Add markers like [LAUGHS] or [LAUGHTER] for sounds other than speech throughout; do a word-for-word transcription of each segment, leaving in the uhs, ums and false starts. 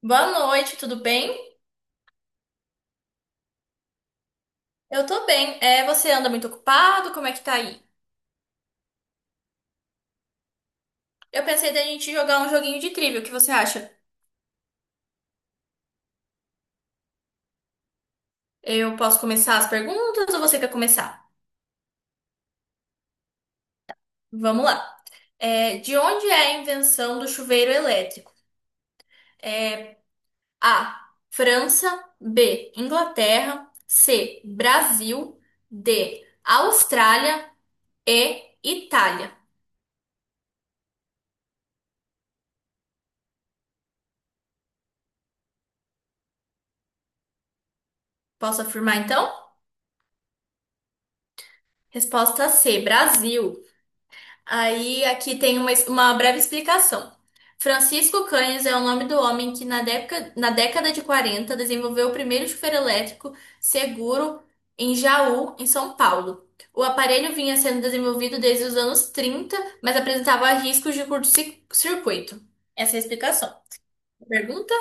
Boa noite, tudo bem? Eu tô bem. É, você anda muito ocupado? Como é que tá aí? Eu pensei da gente jogar um joguinho de trivia. O que você acha? Eu posso começar as perguntas ou você quer começar? Vamos lá. É, de onde é a invenção do chuveiro elétrico? É, A. França. B. Inglaterra. C. Brasil. D. Austrália. E. Itália. Posso afirmar então? Resposta C. Brasil. Aí aqui tem uma, uma breve explicação. Francisco Canhes é o nome do homem que na década, na década de quarenta desenvolveu o primeiro chuveiro elétrico seguro em Jaú, em São Paulo. O aparelho vinha sendo desenvolvido desde os anos trinta, mas apresentava riscos de curto-circuito. Essa é a explicação. Pergunta?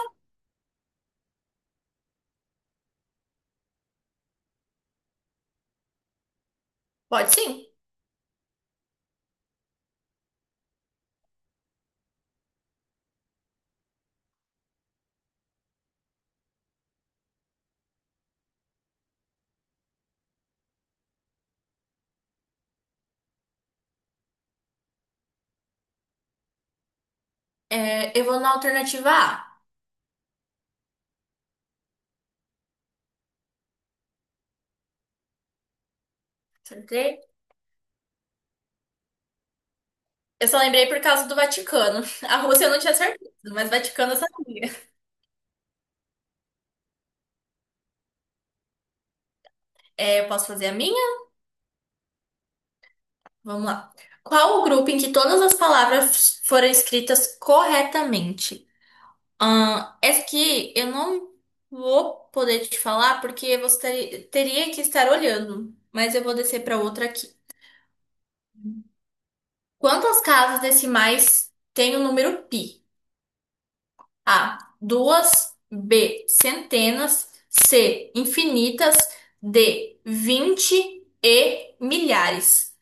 Pode sim. É, eu vou na alternativa A. Acertei? Eu só lembrei por causa do Vaticano. [LAUGHS] A Rússia eu não tinha certeza, mas Vaticano eu sabia. É, eu posso fazer a minha? Vamos lá. Qual o grupo em que todas as palavras foram escritas corretamente? Ah, essa aqui eu não vou poder te falar porque você ter- teria que estar olhando, mas eu vou descer para outra aqui. Quantas casas decimais tem o número pi? A, duas, B, centenas, C, infinitas, D, vinte e milhares.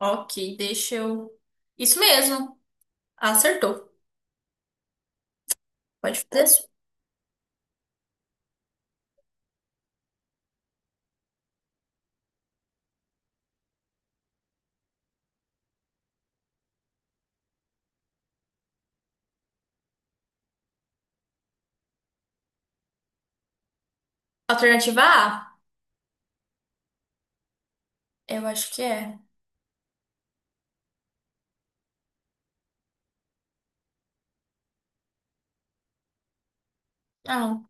Ok, deixa eu. Isso mesmo, acertou. Pode fazer. Alternativa A? Eu acho que é. Ah,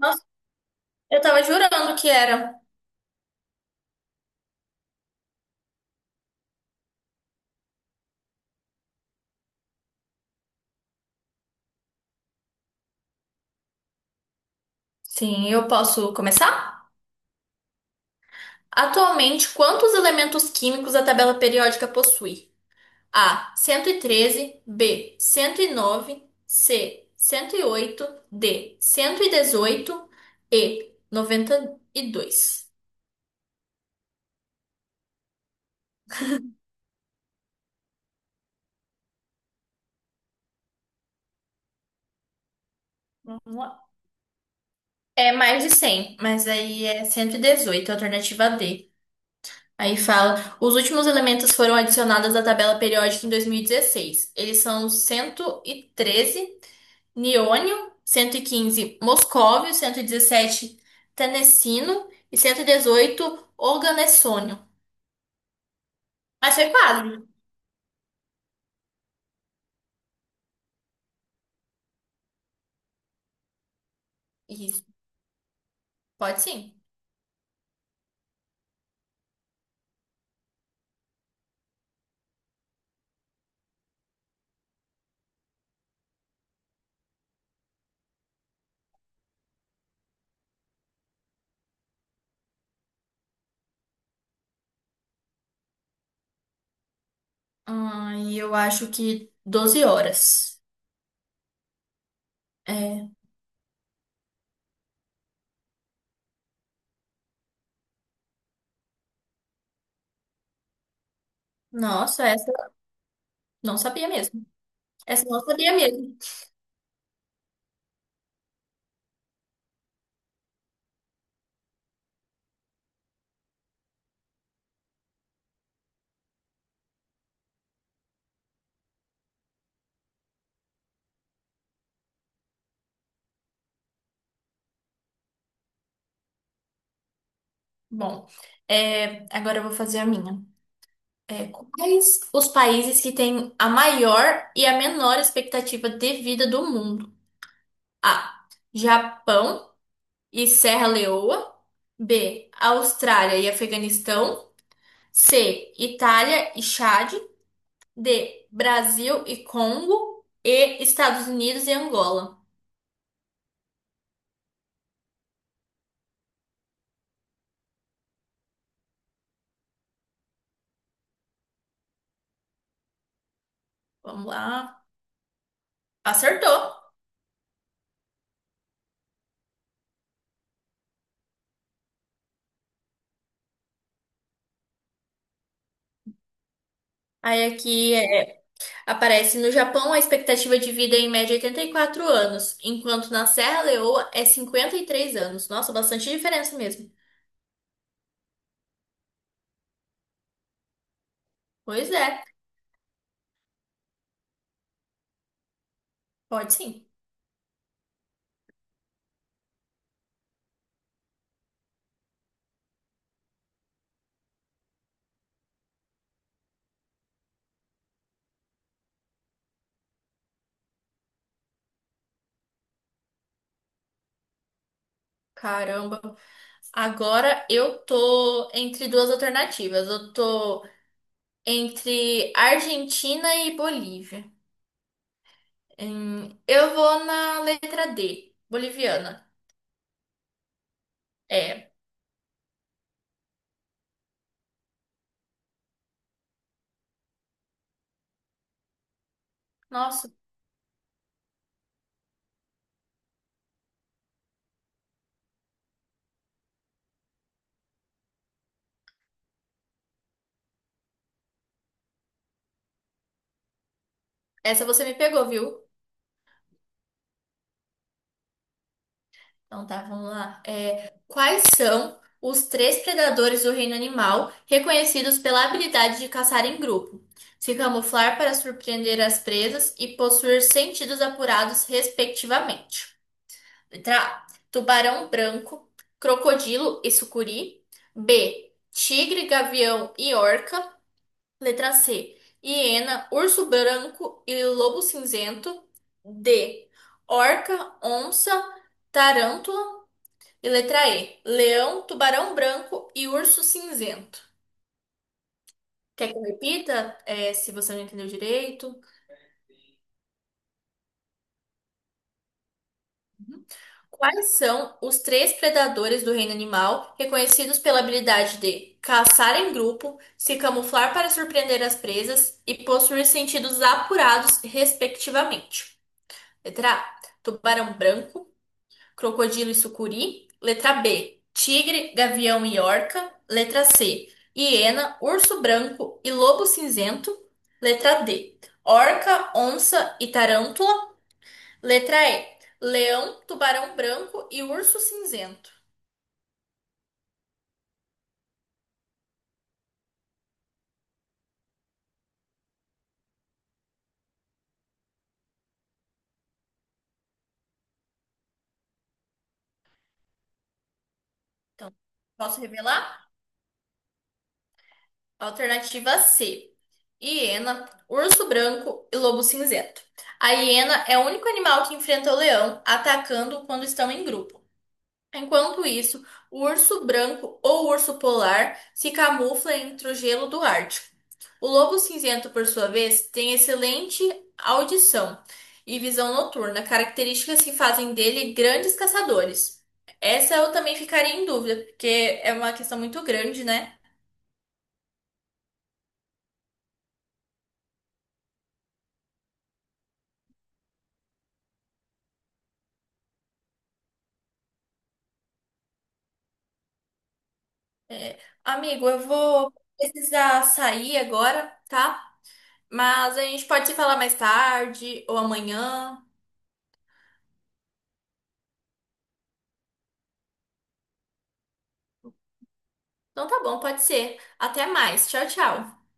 nossa, eu tava jurando que era. Sim, eu posso começar? Atualmente, quantos elementos químicos a tabela periódica possui? A, cento e treze, B, cento e nove, C, cento e oito, D, cento e dezoito, E, noventa e dois. É mais de cem, mas aí é cento e dezoito, alternativa D. Aí fala, os últimos elementos foram adicionados à tabela periódica em dois mil e dezesseis. Eles são cento e treze niônio, cento e quinze moscóvio, cento e dezessete tenecino e dezessete tenessino e cento e dezoito, organessônio. Mas foi quase. Isso, pode sim. Ah, e eu acho que doze horas. É, nossa, essa eu não sabia mesmo. Essa eu não sabia mesmo. Bom, é, agora eu vou fazer a minha. É, quais os países que têm a maior e a menor expectativa de vida do mundo? A. Japão e Serra Leoa. B. Austrália e Afeganistão. C. Itália e Chade. D. Brasil e Congo. E Estados Unidos e Angola. Vamos lá. Acertou. Aí aqui é. Aparece no Japão a expectativa de vida é em média oitenta e quatro anos, enquanto na Serra Leoa é cinquenta e três anos. Nossa, bastante diferença mesmo. Pois é, pode sim. Caramba. Agora eu tô entre duas alternativas. Eu tô entre Argentina e Bolívia. Hum, eu vou na letra D, boliviana. É. Nossa, essa você me pegou, viu? Então tá, vamos lá. É, quais são os três predadores do reino animal reconhecidos pela habilidade de caçar em grupo, se camuflar para surpreender as presas e possuir sentidos apurados, respectivamente? Letra A: tubarão branco, crocodilo e sucuri. B: tigre, gavião e orca. Letra C: hiena, urso branco e lobo cinzento. D: orca, onça. Tarântula e letra E: leão, tubarão branco e urso cinzento. Quer que eu repita, É, se você não entendeu direito? Uhum. Quais são os três predadores do reino animal reconhecidos pela habilidade de caçar em grupo, se camuflar para surpreender as presas e possuir sentidos apurados, respectivamente? Letra A: tubarão branco, crocodilo e sucuri. Letra B, tigre, gavião e orca. Letra C, hiena, urso branco e lobo cinzento. Letra D, orca, onça e tarântula. Letra E, leão, tubarão branco e urso cinzento. Então, posso revelar? Alternativa C, hiena, urso branco e lobo cinzento. A hiena é o único animal que enfrenta o leão, atacando quando estão em grupo. Enquanto isso, o urso branco ou urso polar se camufla entre o gelo do Ártico. O lobo cinzento, por sua vez, tem excelente audição e visão noturna, características que fazem dele grandes caçadores. Essa eu também ficaria em dúvida, porque é uma questão muito grande, né? Amigo, eu vou precisar sair agora, tá? Mas a gente pode se falar mais tarde ou amanhã. Então tá bom, pode ser. Até mais. Tchau, tchau.